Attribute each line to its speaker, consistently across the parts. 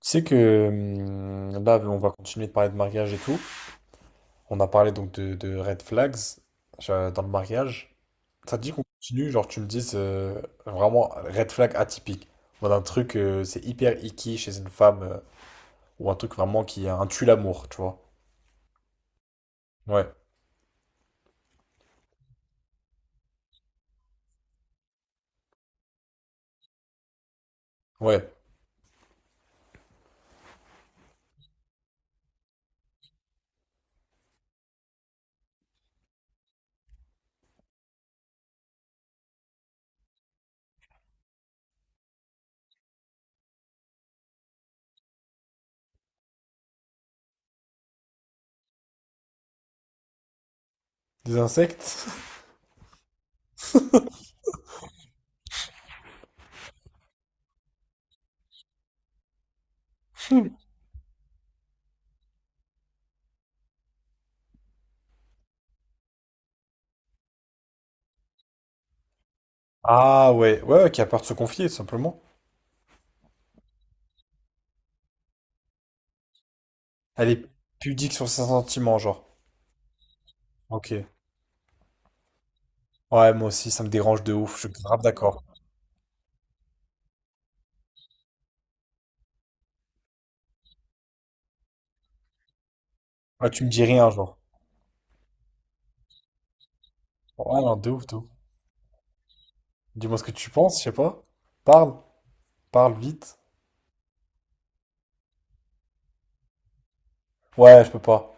Speaker 1: Tu sais que là, on va continuer de parler de mariage et tout. On a parlé donc de red flags dans le mariage. Ça te dit qu'on continue, genre tu me dises vraiment red flag atypique. Voilà un truc, c'est hyper icky chez une femme ou un truc vraiment qui a un tue l'amour, tu vois. Ouais, ouais. Des insectes? Ah ouais, ouais, ouais, qui a peur de se confier, tout simplement. Elle est pudique sur ses sentiments, genre. Ok. Ouais, moi aussi, ça me dérange de ouf, je suis grave d'accord. Ouais, tu me dis rien, genre. Ouais, non, de ouf, de ouf. Dis-moi ce que tu penses, je sais pas. Parle, parle vite. Ouais, je peux pas.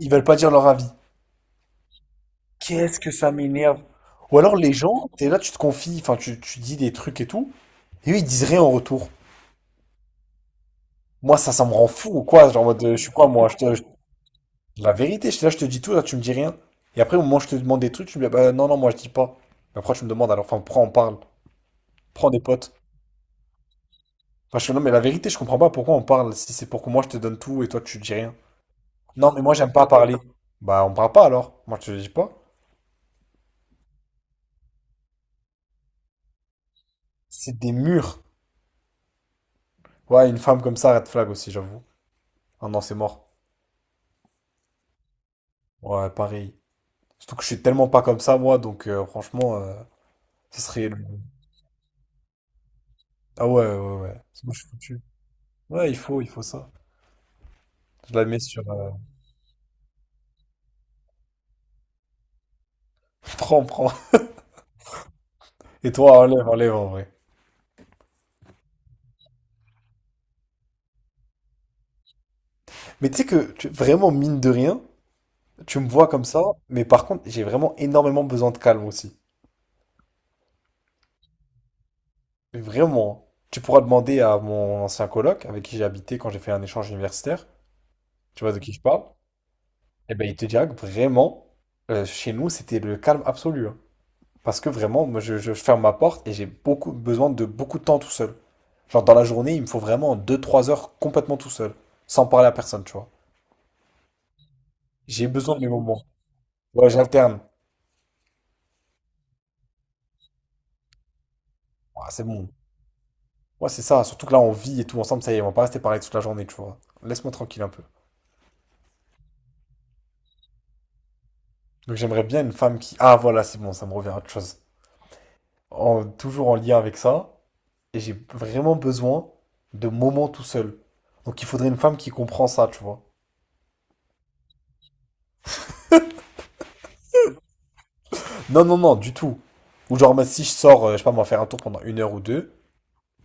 Speaker 1: Ils veulent pas dire leur avis. Qu'est-ce que ça m'énerve. Ou alors les gens, t'es là, tu te confies, enfin tu dis des trucs et tout, et eux ils disent rien en retour. Moi ça, ça me rend fou ou quoi, genre en mode, je suis quoi moi, la vérité, là je te dis tout, là tu me dis rien. Et après au moment où je te demande des trucs, tu me dis, ah bah non, non, moi je dis pas. Mais après tu me demandes alors, enfin pourquoi on parle? Prends des potes. Enfin je fais, non mais la vérité, je comprends pas pourquoi on parle, si c'est pour que moi je te donne tout et toi tu dis rien. Non mais moi j'aime pas parler. Bah on parle pas alors, moi je te dis pas. C'est des murs. Ouais, une femme comme ça, red flag aussi, j'avoue. Ah non, c'est mort. Ouais, pareil. Surtout que je suis tellement pas comme ça, moi, donc franchement, ce serait... Ah ouais, ouais, ouais. Sinon, je suis foutu. Ouais, il faut ça. Je la mets sur... Prends, prends. Et toi, enlève, enlève, en vrai. Mais tu sais que, vraiment, mine de rien, tu me vois comme ça, mais par contre, j'ai vraiment énormément besoin de calme aussi. Mais vraiment, hein. Tu pourras demander à mon ancien coloc, avec qui j'ai habité quand j'ai fait un échange universitaire. Tu vois de qui je parle? Eh ben, il te dira que vraiment, chez nous, c'était le calme absolu, hein. Parce que vraiment, moi, je ferme ma porte et j'ai beaucoup besoin de beaucoup de temps tout seul. Genre, dans la journée, il me faut vraiment deux trois heures complètement tout seul, sans parler à personne, tu vois. J'ai besoin de mes moments. Ouais, j'alterne. Ah, c'est bon. Ouais, c'est ça. Surtout que là, on vit et tout ensemble, ça y est, on va pas rester parler toute la journée, tu vois. Laisse-moi tranquille un peu. Donc, j'aimerais bien une femme qui. Ah, voilà, c'est bon, ça me revient à autre chose. Toujours en lien avec ça. Et j'ai vraiment besoin de moments tout seul. Donc il faudrait une femme qui comprend ça, tu vois. Non, non, non, du tout. Ou genre, bah, si je sors, je sais pas, moi, faire un tour pendant une heure ou deux,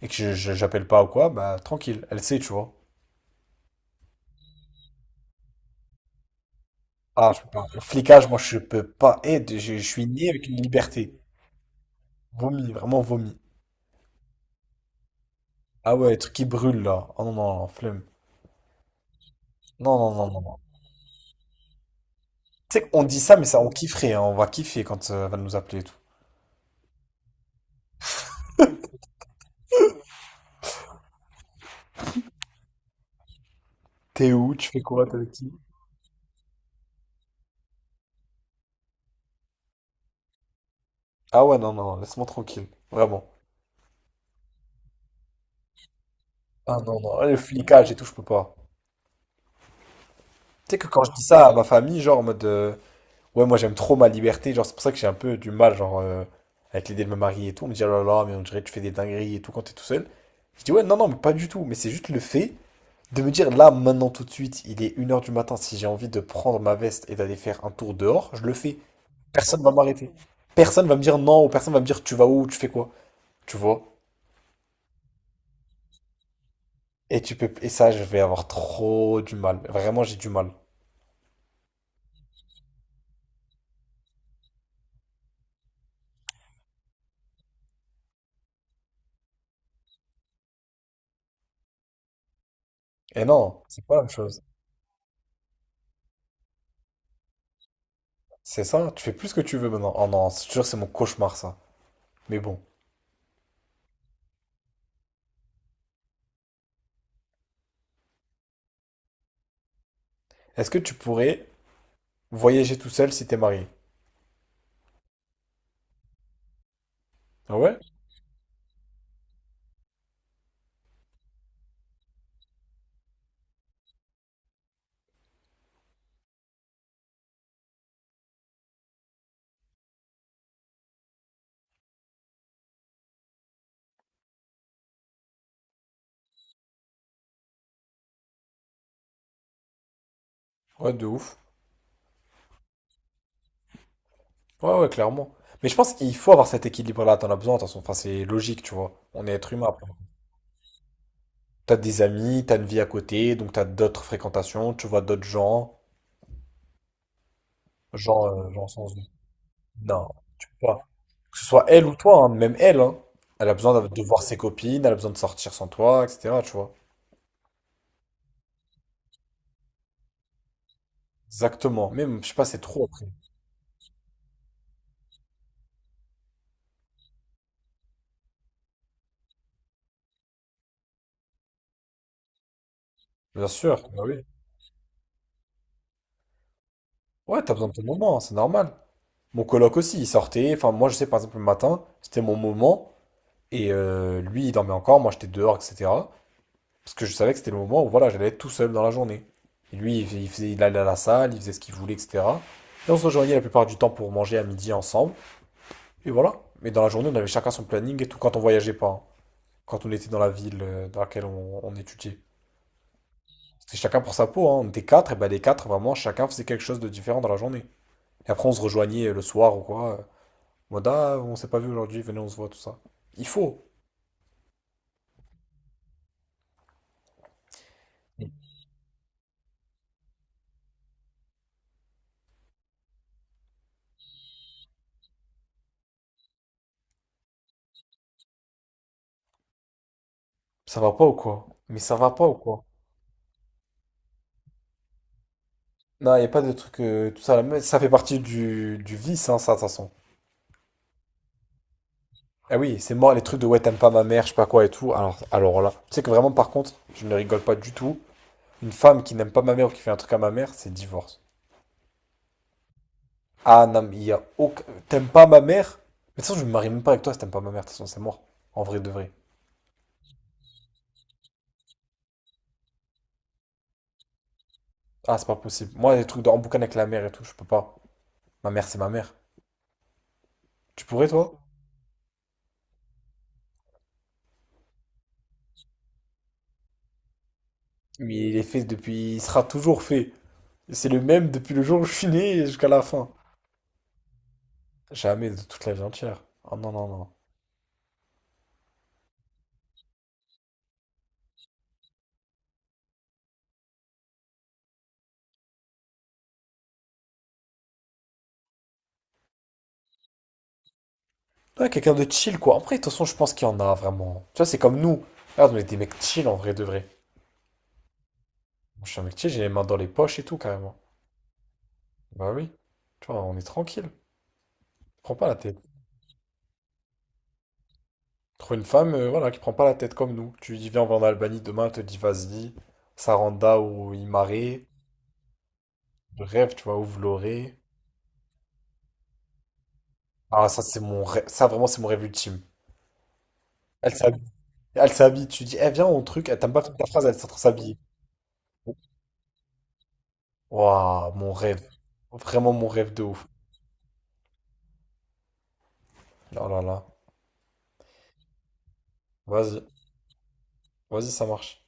Speaker 1: et que j'appelle pas ou quoi, bah tranquille, elle sait, tu vois. Ah, je peux pas. Le flicage, moi, je peux pas. Eh, je suis né avec une liberté. Vomi, vraiment vomi. Ah ouais, le truc qui brûle, là. Oh non, non, non, flemme. Non, non, non, non, non. Tu sais qu'on dit ça, mais ça, on kifferait, hein. On va kiffer quand elle va nous appeler et tout. T'es où? Tu fais quoi? T'es avec qui? Ah ouais, non, non, laisse-moi tranquille. Vraiment. Ah non, non, le flicage et tout, je peux pas. Tu sais que quand je dis ça à ma famille, genre en mode ouais, moi j'aime trop ma liberté, genre c'est pour ça que j'ai un peu du mal, genre avec l'idée de me marier et tout. On me dit oh là là, mais on dirait que tu fais des dingueries et tout quand t'es tout seul. Je dis ouais, non, non, mais pas du tout, mais c'est juste le fait de me dire là, maintenant, tout de suite, il est 1 heure du matin, si j'ai envie de prendre ma veste et d'aller faire un tour dehors, je le fais. Personne va m'arrêter. Personne va me dire non, ou personne va me dire tu vas où, tu fais quoi, tu vois. Et tu peux, et ça, je vais avoir trop du mal. Vraiment, j'ai du mal. Et non, c'est pas la même chose. C'est ça, tu fais plus ce que tu veux maintenant. Oh non, je te jure, c'est mon cauchemar ça. Mais bon, est-ce que tu pourrais voyager tout seul si t'es marié? Ah ouais? Ouais, de ouf. Ouais, ouais, clairement. Mais je pense qu'il faut avoir cet équilibre-là, t'en as besoin, attention. Enfin, c'est logique, tu vois. On est être humain après. T'as des amis, t'as une vie à côté, donc t'as d'autres fréquentations, tu vois d'autres gens. Genre sans... Non, pas. Que ce soit elle ou toi, hein, même elle, hein. Elle a besoin de voir ses copines, elle a besoin de sortir sans toi, etc., tu vois. Exactement. Même, je sais pas, c'est trop après. Bien sûr, bah oui. Ouais, t'as besoin de ton moment, c'est normal. Mon coloc aussi, il sortait. Enfin, moi, je sais, par exemple, le matin, c'était mon moment. Et lui, il dormait encore. Moi, j'étais dehors, etc. Parce que je savais que c'était le moment où, voilà, j'allais être tout seul dans la journée. Et lui, il faisait, il allait à la salle, il faisait ce qu'il voulait, etc. Et on se rejoignait la plupart du temps pour manger à midi ensemble. Et voilà. Mais dans la journée, on avait chacun son planning et tout quand on voyageait pas, hein. Quand on était dans la ville dans laquelle on étudiait. C'était chacun pour sa peau, hein. On était quatre, et ben les quatre, vraiment, chacun faisait quelque chose de différent dans la journée. Et après, on se rejoignait le soir ou quoi. Moda, on s'est pas vu aujourd'hui, venez, on se voit, tout ça. Il faut. Ça va pas ou quoi? Mais ça va pas ou quoi? Non, y a pas de truc, tout ça, à ça fait partie du vice, hein, ça, de toute façon. Ah oui, c'est mort, les trucs de ouais, t'aimes pas ma mère, je sais pas quoi et tout. Alors là, tu sais que vraiment, par contre, je ne rigole pas du tout. Une femme qui n'aime pas ma mère ou qui fait un truc à ma mère, c'est divorce. Ah non, mais il y a aucun. T'aimes pas ma mère? Mais de toute façon, je me marie même pas avec toi si t'aimes pas ma mère, de toute façon, c'est mort. En vrai de vrai. Ah, c'est pas possible. Moi, les trucs de en boucan avec la mère et tout, je peux pas. Ma mère, c'est ma mère. Tu pourrais, toi? Mais il est fait depuis. Il sera toujours fait. C'est le même depuis le jour où je suis né et jusqu'à la fin. Jamais de toute la vie entière. Oh non, non, non. Ouais, quelqu'un de chill, quoi. Après, de toute façon, je pense qu'il y en a vraiment. Tu vois, c'est comme nous. Regarde, on est des mecs chill en vrai de vrai. Moi, je suis un mec chill, j'ai les mains dans les poches et tout, carrément. Bah oui. Tu vois, on est tranquille. Prends pas la tête. Trouve une femme, voilà, qui prend pas la tête comme nous. Tu lui dis, viens, on va en Albanie demain, elle te dit, vas-y. Saranda ou Imare. Le rêve, tu vois, ou Vloré. Ah, ça, c'est mon rêve. Ça, vraiment, c'est mon rêve ultime. Elle s'habille Elle s'habille, tu dis, eh viens au truc, elle t'a pas fait ta phrase, elle est en train de s'habiller. Waouh, mon rêve. Vraiment mon rêve de ouf. Oh là là. Vas-y, vas-y, ça marche.